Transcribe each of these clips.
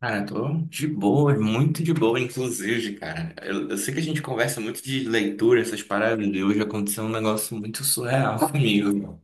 Cara, eu tô de boa, muito de boa, inclusive, cara. Eu sei que a gente conversa muito de leitura, essas paradas, e hoje aconteceu um negócio muito surreal comigo.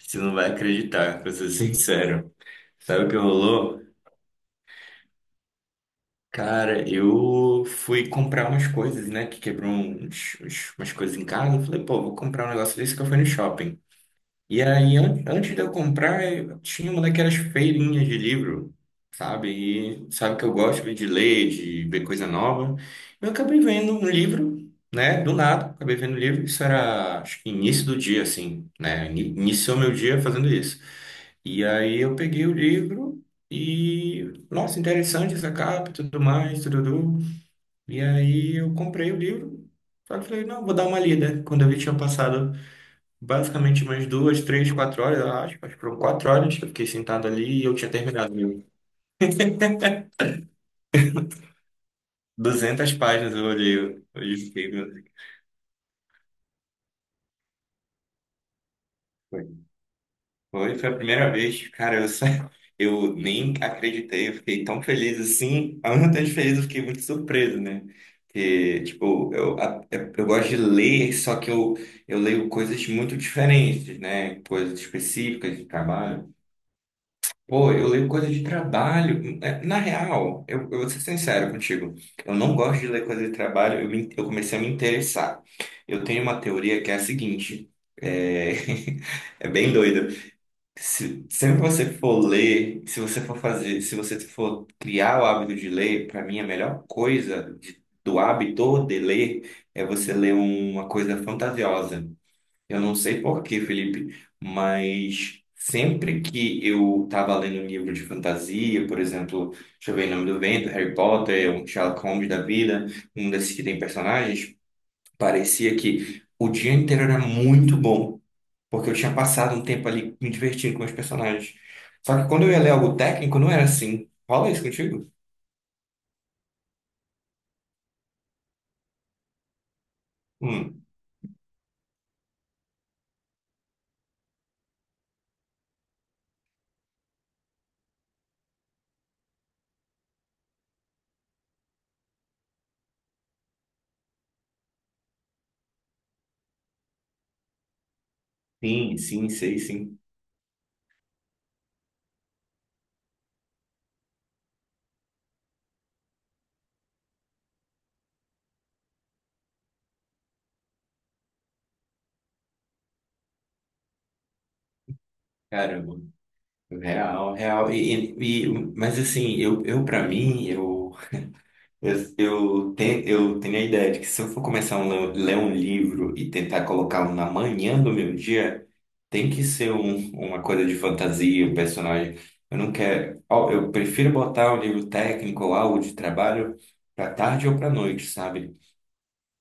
Você não vai acreditar, pra ser sincero. Sabe o que rolou? Cara, eu fui comprar umas coisas, né? Que quebrou umas coisas em casa. Eu falei, pô, vou comprar um negócio desse que eu fui no shopping. E aí, antes de eu comprar, eu tinha uma daquelas feirinhas de livro, sabe? E sabe que eu gosto de ler, de ver coisa nova. Eu acabei vendo um livro, né? Do nada, acabei vendo um livro. Isso era, acho que início do dia, assim, né? Iniciou meu dia fazendo isso. E aí eu peguei o livro e, nossa, interessante essa capa e tudo mais, tudo. E aí eu comprei o livro. Só que falei, não, vou dar uma lida. Quando eu vi, tinha passado. Basicamente umas 2, 3, 4 horas, eu acho. Acho que foram 4 horas que eu fiquei sentado ali e eu tinha terminado. Meu. 200 páginas eu olhei. Eu fiquei, meu Deus, o que foi? Foi a primeira vez. Cara, eu nem acreditei. Eu fiquei tão feliz assim. A única vez feliz, eu fiquei muito surpreso, né? Porque, tipo, eu, a- eu eu gosto de ler, só que eu leio coisas muito diferentes, né? Coisas específicas de trabalho. Pô, eu leio coisa de trabalho. É, na real, eu vou ser sincero contigo. Eu não gosto de ler coisa de trabalho, eu comecei a me interessar. Eu tenho uma teoria que é a seguinte: é, é bem doida. Se, sempre você for ler, se você for fazer, se você for criar o hábito de ler, para mim a melhor coisa do hábito de ler é você ler uma coisa fantasiosa. Eu não sei por quê, Felipe, mas sempre que eu estava lendo um livro de fantasia, por exemplo, deixa eu ver, Em Nome do Vento, Harry Potter, um Sherlock Holmes da vida, um desses que tem personagens, parecia que o dia inteiro era muito bom, porque eu tinha passado um tempo ali me divertindo com os personagens. Só que quando eu ia ler algo técnico, não era assim. Rola isso contigo? Hum, sim, sim, sei, sim. Caramba. Real, real. Mas assim, eu para mim, eu tenho a ideia de que se eu for começar a ler um livro e tentar colocá-lo na manhã do meu dia, tem que ser uma coisa de fantasia, um personagem. Eu não quero. Ó, eu prefiro botar um livro técnico ou algo de trabalho para tarde ou para noite, sabe?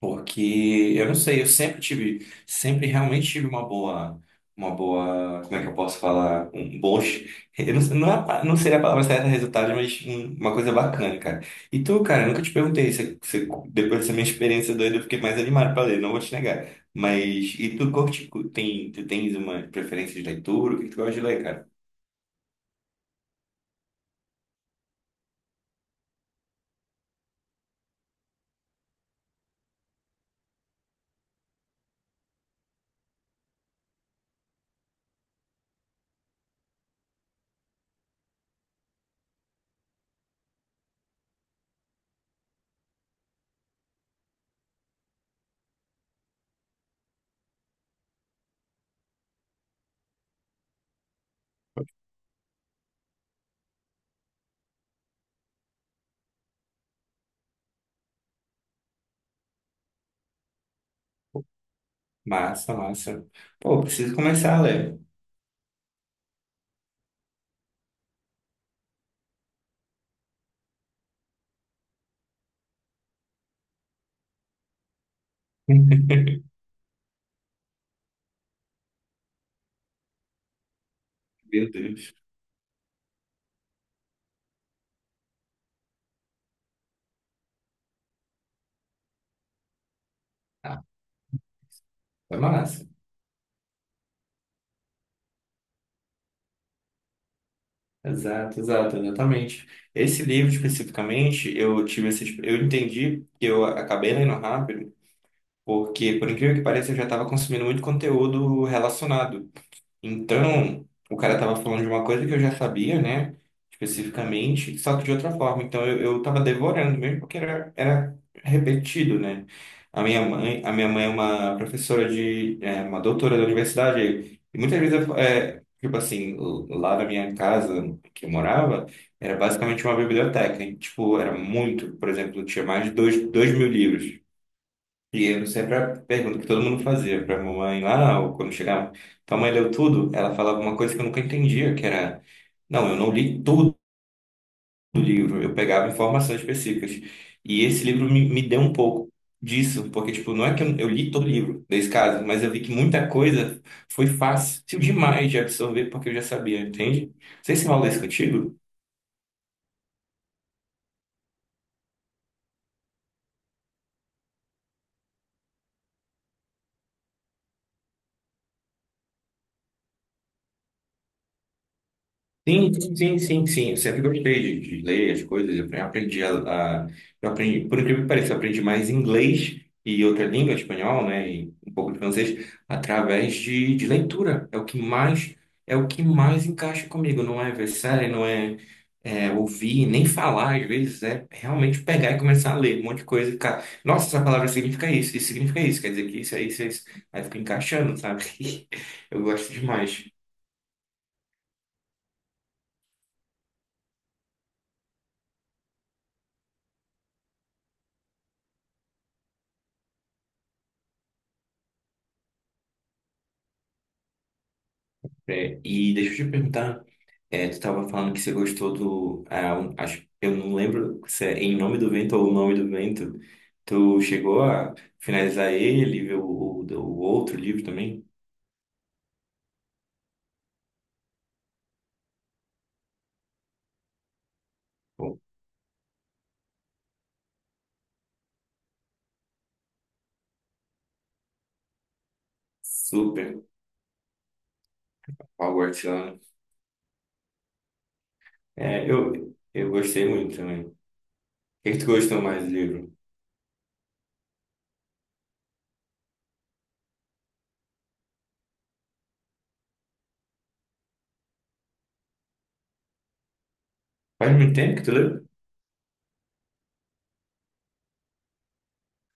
Porque eu não sei, eu sempre tive, sempre realmente tive uma boa, como é que eu posso falar? Um bom, eu não, não, não seria a palavra certa resultado, mas uma coisa bacana, cara. E tu, cara, eu nunca te perguntei. Depois dessa minha experiência doida, eu fiquei mais animado pra ler, não vou te negar. Mas, e tu curte, tem, tu tens uma preferência de leitura? O que que tu gosta de ler, cara? Massa, massa. Pô, preciso começar a ler. Meu Deus. Ah, foi massa. Exato, exato, exatamente. Esse livro especificamente, eu tive esse, eu entendi que eu acabei lendo rápido, porque por incrível que pareça, eu já estava consumindo muito conteúdo relacionado. Então, o cara tava falando de uma coisa que eu já sabia, né? Especificamente, só que de outra forma. Então, eu tava devorando mesmo porque era repetido, né? A minha mãe é uma professora uma doutora da universidade. E muitas vezes, é, tipo assim, lá na minha casa que eu morava, era basicamente uma biblioteca. E, tipo, era muito, por exemplo, tinha mais de dois mil livros. E eu sempre a pergunta que todo mundo fazia pra mamãe lá, ou quando chegava. Então, mãe leu tudo? Ela falava uma coisa que eu nunca entendia, que era, não, eu não li tudo do livro, eu pegava informações específicas. E esse livro me deu um pouco disso, porque, tipo, não é que eu li todo o livro, nesse caso, mas eu vi que muita coisa foi fácil demais de absorver, porque eu já sabia, entende? Não sei se rola isso contigo. Sim, sim, sim, sim, eu sempre gostei de ler as coisas. Eu aprendi, por incrível que pareça, eu aprendi mais inglês e outra língua, espanhol, né, e um pouco de francês, através de leitura. É o que mais encaixa comigo. Não é ver série, não é, é ouvir, nem falar, às vezes, é realmente pegar e começar a ler um monte de coisa e ficar, nossa, essa palavra significa isso, isso significa isso, quer dizer que isso, é isso, é isso. Aí fica encaixando, sabe? Eu gosto demais. É, e deixa eu te perguntar. É, tu tava falando que você gostou do, ah, acho, eu não lembro se é Em Nome do Vento ou O Nome do Vento. Tu chegou a finalizar ele, ver o outro livro também? Pô, super. Hogwartsiano. É, eu gostei muito também. O que que tu gostou mais do livro? Faz muito tempo que tu leu?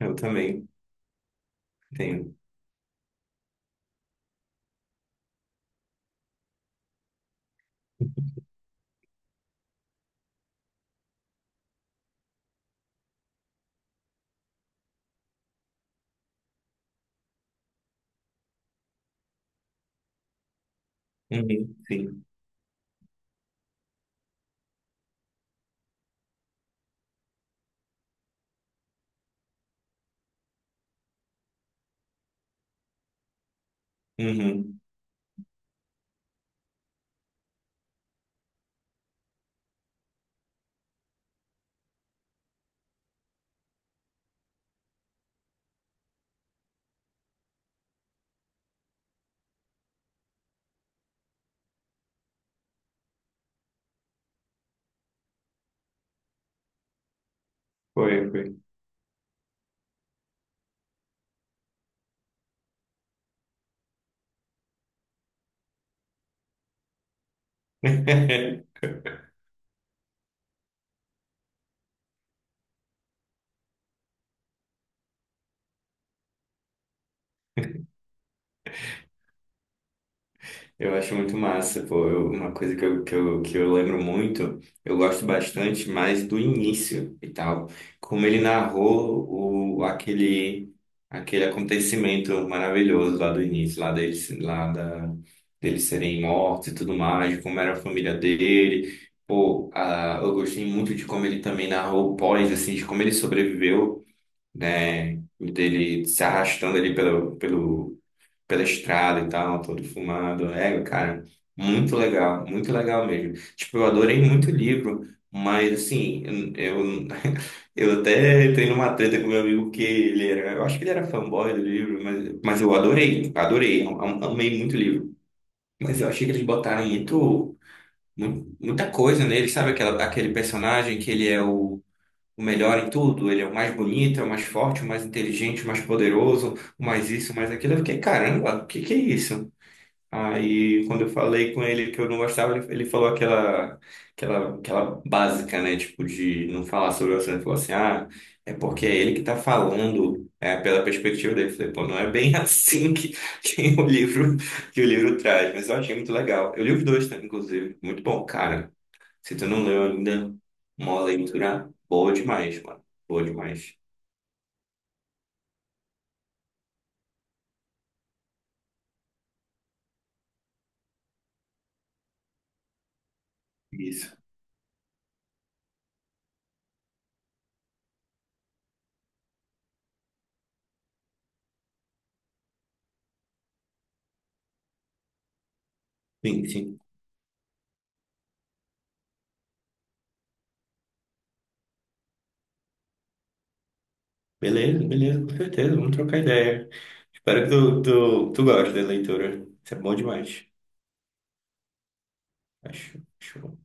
Eu também. Tenho. Uhum, sim. Uhum. Foi, foi. Eu acho muito massa, pô. Uma coisa que eu lembro muito, eu gosto bastante mais do início e tal. Como ele narrou aquele acontecimento maravilhoso lá do início, lá deles, deles serem mortos e tudo mais, como era a família dele. Pô, eu gostei muito de como ele também narrou o pós, assim, de como ele sobreviveu, né? Dele se arrastando ali pelo, pelo pela estrada e tal, todo fumado. É, cara, muito legal mesmo. Tipo, eu adorei muito o livro, mas assim, eu, eu até entrei numa treta com meu amigo porque ele era, eu acho que ele era fanboy do livro, mas eu adorei, adorei, amei muito o livro. Mas eu achei que eles botaram muita coisa nele, sabe? Aquele personagem que ele é o melhor em tudo, ele é o mais bonito, é o mais forte, o mais inteligente, o mais poderoso o mais isso, o mais aquilo. Eu fiquei, caramba, o que que é isso? Aí, quando eu falei com ele que eu não gostava, ele falou aquela básica, né? Tipo, de não falar sobre o assunto. Ele falou assim: ah, é porque é ele que tá falando, é pela perspectiva dele. Eu falei, pô, não é bem assim que o livro, que o livro traz, mas eu achei muito legal. Eu li os dois, né, inclusive. Muito bom, cara. Se tu não leu ainda, uma leitura boa demais, mano. Boa demais. Isso. Sim, sim. Beleza, beleza, com certeza. Vamos trocar ideia. Espero que tu goste da leitura. Isso é bom demais. Acho, acho